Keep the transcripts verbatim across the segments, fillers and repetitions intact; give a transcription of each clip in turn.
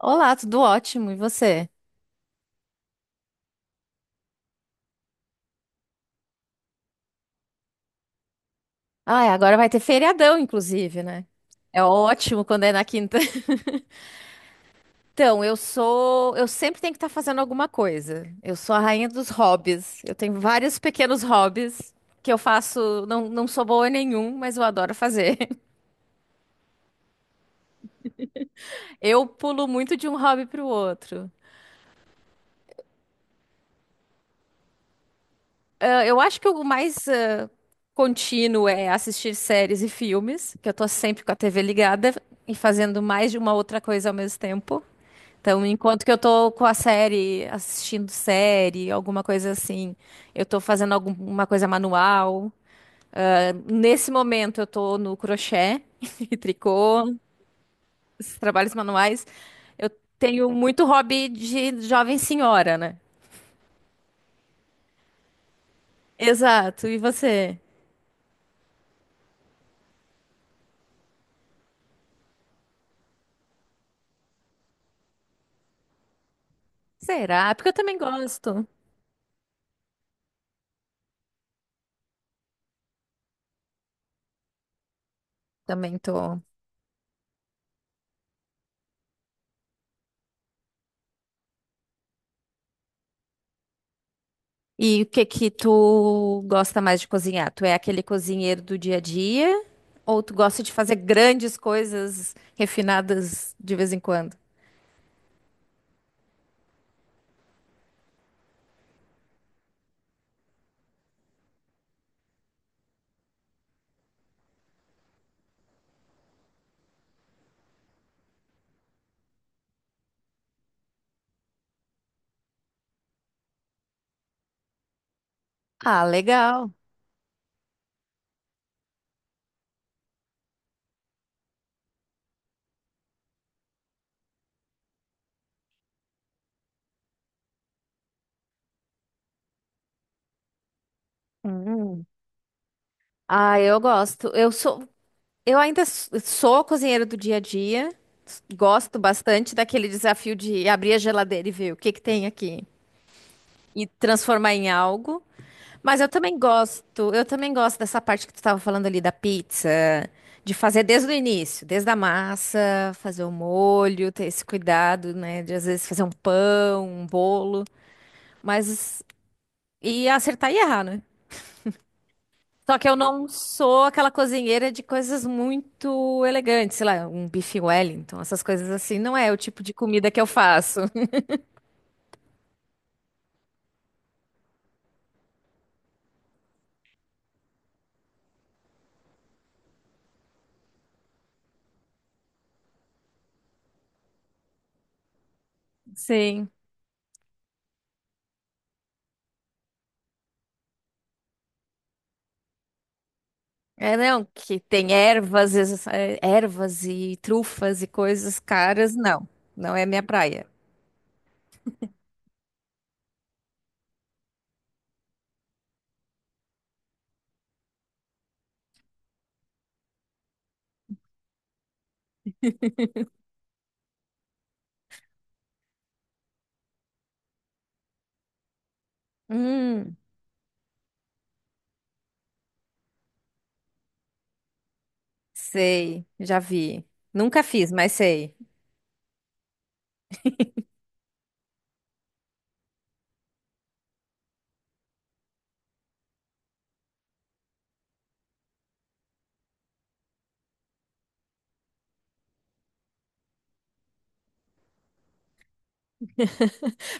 Olá, tudo ótimo, e você? Ah, agora vai ter feriadão, inclusive, né? É ótimo quando é na quinta. Então, eu sou. Eu sempre tenho que estar fazendo alguma coisa. Eu sou a rainha dos hobbies. Eu tenho vários pequenos hobbies que eu faço. Não, não sou boa em nenhum, mas eu adoro fazer. Eu pulo muito de um hobby para o outro. Ah, eu acho que o mais ah, contínuo é assistir séries e filmes, que eu tô sempre com a T V ligada e fazendo mais de uma outra coisa ao mesmo tempo. Então, enquanto que eu tô com a série, assistindo série, alguma coisa assim, eu tô fazendo alguma coisa manual. Eh, Nesse momento, eu tô no crochê e tricô, esses trabalhos manuais. Eu tenho muito hobby de jovem senhora, né? Exato. E você? Será? É porque eu também gosto. Também tô. E o que que tu gosta mais de cozinhar? Tu é aquele cozinheiro do dia a dia ou tu gosta de fazer grandes coisas refinadas de vez em quando? Ah, legal. Hum. Ah, eu gosto. Eu sou, eu ainda s- sou cozinheiro do dia a dia. S- Gosto bastante daquele desafio de abrir a geladeira e ver o que que tem aqui e transformar em algo. Mas eu também gosto, eu também gosto dessa parte que tu tava falando ali da pizza, de fazer desde o início, desde a massa, fazer o molho, ter esse cuidado, né, de às vezes fazer um pão, um bolo, mas e acertar e errar, né? Só que eu não sou aquela cozinheira de coisas muito elegantes, sei lá, um bife Wellington, essas coisas assim, não é o tipo de comida que eu faço. Sim. É, não, que tem ervas, es- eh, ervas e trufas e coisas caras, não. Não é minha praia. Hum, sei, já vi. Nunca fiz, mas sei.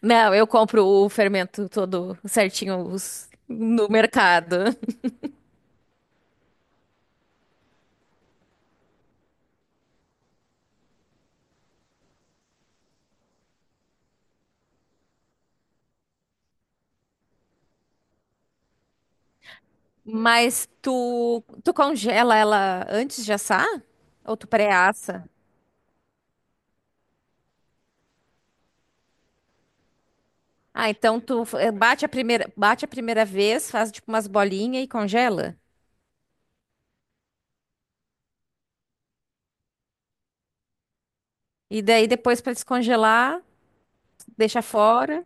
Não, eu compro o fermento todo certinho os- no mercado. Mas tu, tu congela ela antes de assar? Ou tu pré-assa? Ah, então tu eh, bate a primeira, bate a primeira vez, faz tipo umas bolinhas e congela. E daí depois para descongelar, deixa fora.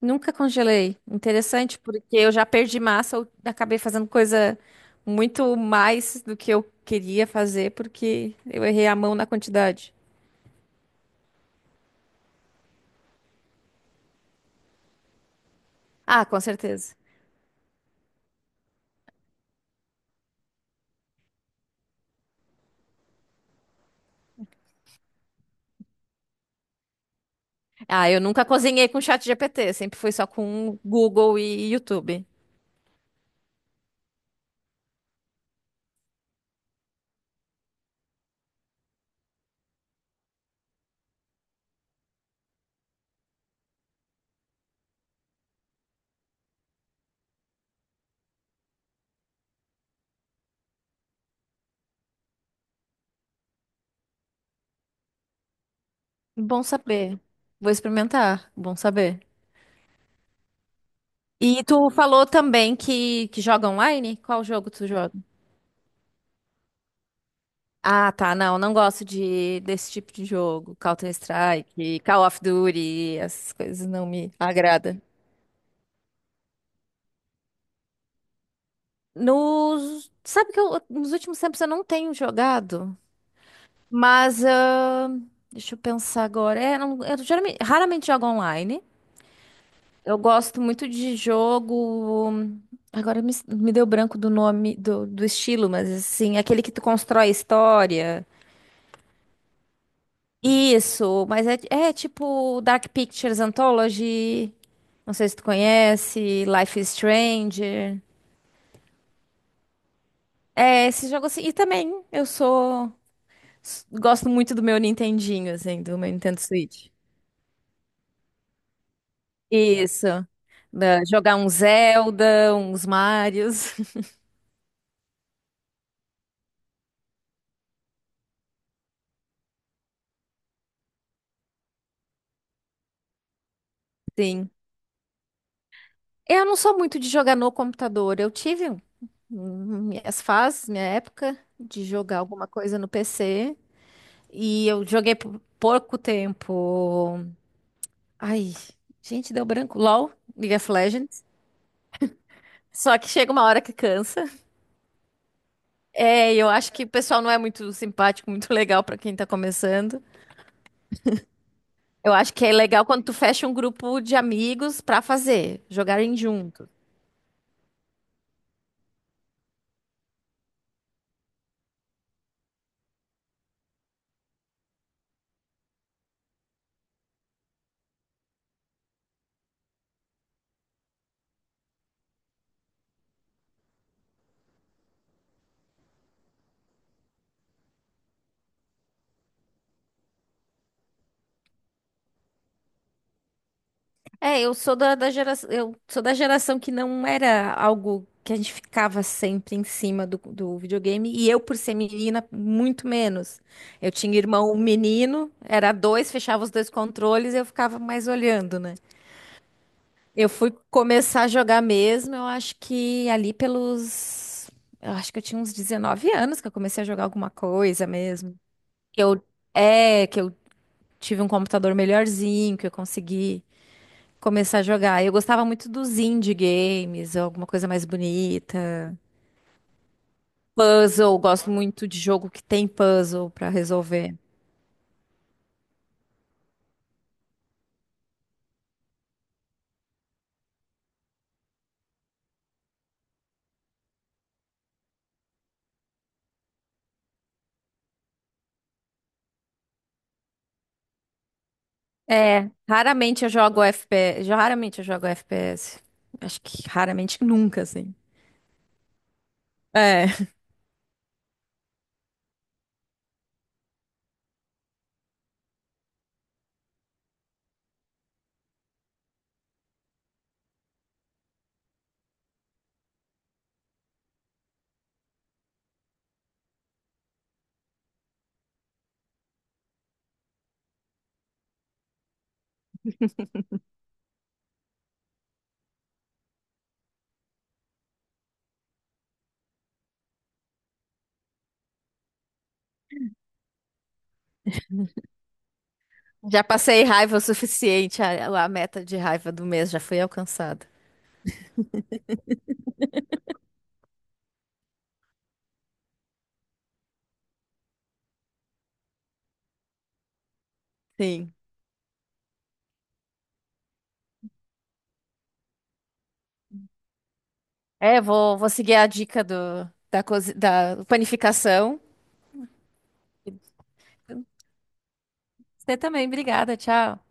Nunca congelei. Interessante, porque eu já perdi massa, eu acabei fazendo coisa muito mais do que eu queria fazer, porque eu errei a mão na quantidade. Ah, com certeza. Ah, eu nunca cozinhei com chat G P T, sempre foi só com Google e YouTube. Bom saber. Vou experimentar, bom saber. E tu falou também que, que joga online? Qual jogo tu joga? Ah, tá, não, não gosto de desse tipo de jogo, Counter-Strike, Call of Duty, essas coisas não me agrada. Nos, sabe que eu- nos últimos tempos eu não tenho jogado, mas ah, deixa eu pensar agora. É, não- eu geralmente- raramente jogo online. Eu gosto muito de jogo. Agora me, me deu branco do nome do, do estilo, mas assim, aquele que tu constrói história. Isso, mas é, é tipo Dark Pictures Anthology. Não sei se tu conhece, Life is Strange. É, esse jogo assim. E também eu sou. S- Gosto muito do meu Nintendinho, assim, do meu Nintendo Switch. Isso. Da- jogar um Zelda, uns Marios. Sim. Eu não sou muito de jogar no computador. Eu tive um- um- minhas fases, minha época de jogar alguma coisa no P C. E eu joguei por pouco tempo. Ai, gente, deu branco. LOL, League of Legends. Só que chega uma hora que cansa. É, e eu acho que o pessoal não é muito simpático, muito legal pra quem tá começando. Eu acho que é legal quando tu fecha um grupo de amigos pra fazer, jogarem junto. É, eu sou da, da geração, eu sou da geração que não era algo que a gente ficava sempre em cima do, do videogame, e eu, por ser menina, muito menos. Eu tinha irmão menino, era dois, fechava os dois controles e eu ficava mais olhando, né? Eu fui começar a jogar mesmo, eu acho que ali pelos. Eu acho que eu tinha uns dezenove anos que eu comecei a jogar alguma coisa mesmo. Que Eu, é, que eu tive um computador melhorzinho, que eu consegui começar a jogar. Eu gostava muito dos indie games, alguma coisa mais bonita. Puzzle, gosto muito de jogo que tem puzzle pra resolver. É, raramente eu jogo F P S. Raramente eu jogo F P S. Acho que raramente nunca, assim. É. Já passei raiva o suficiente, a, a meta de raiva do mês já foi alcançada. Sim. É, vou, vou seguir a dica do, da, cozi- da panificação. Você também, obrigada, tchau.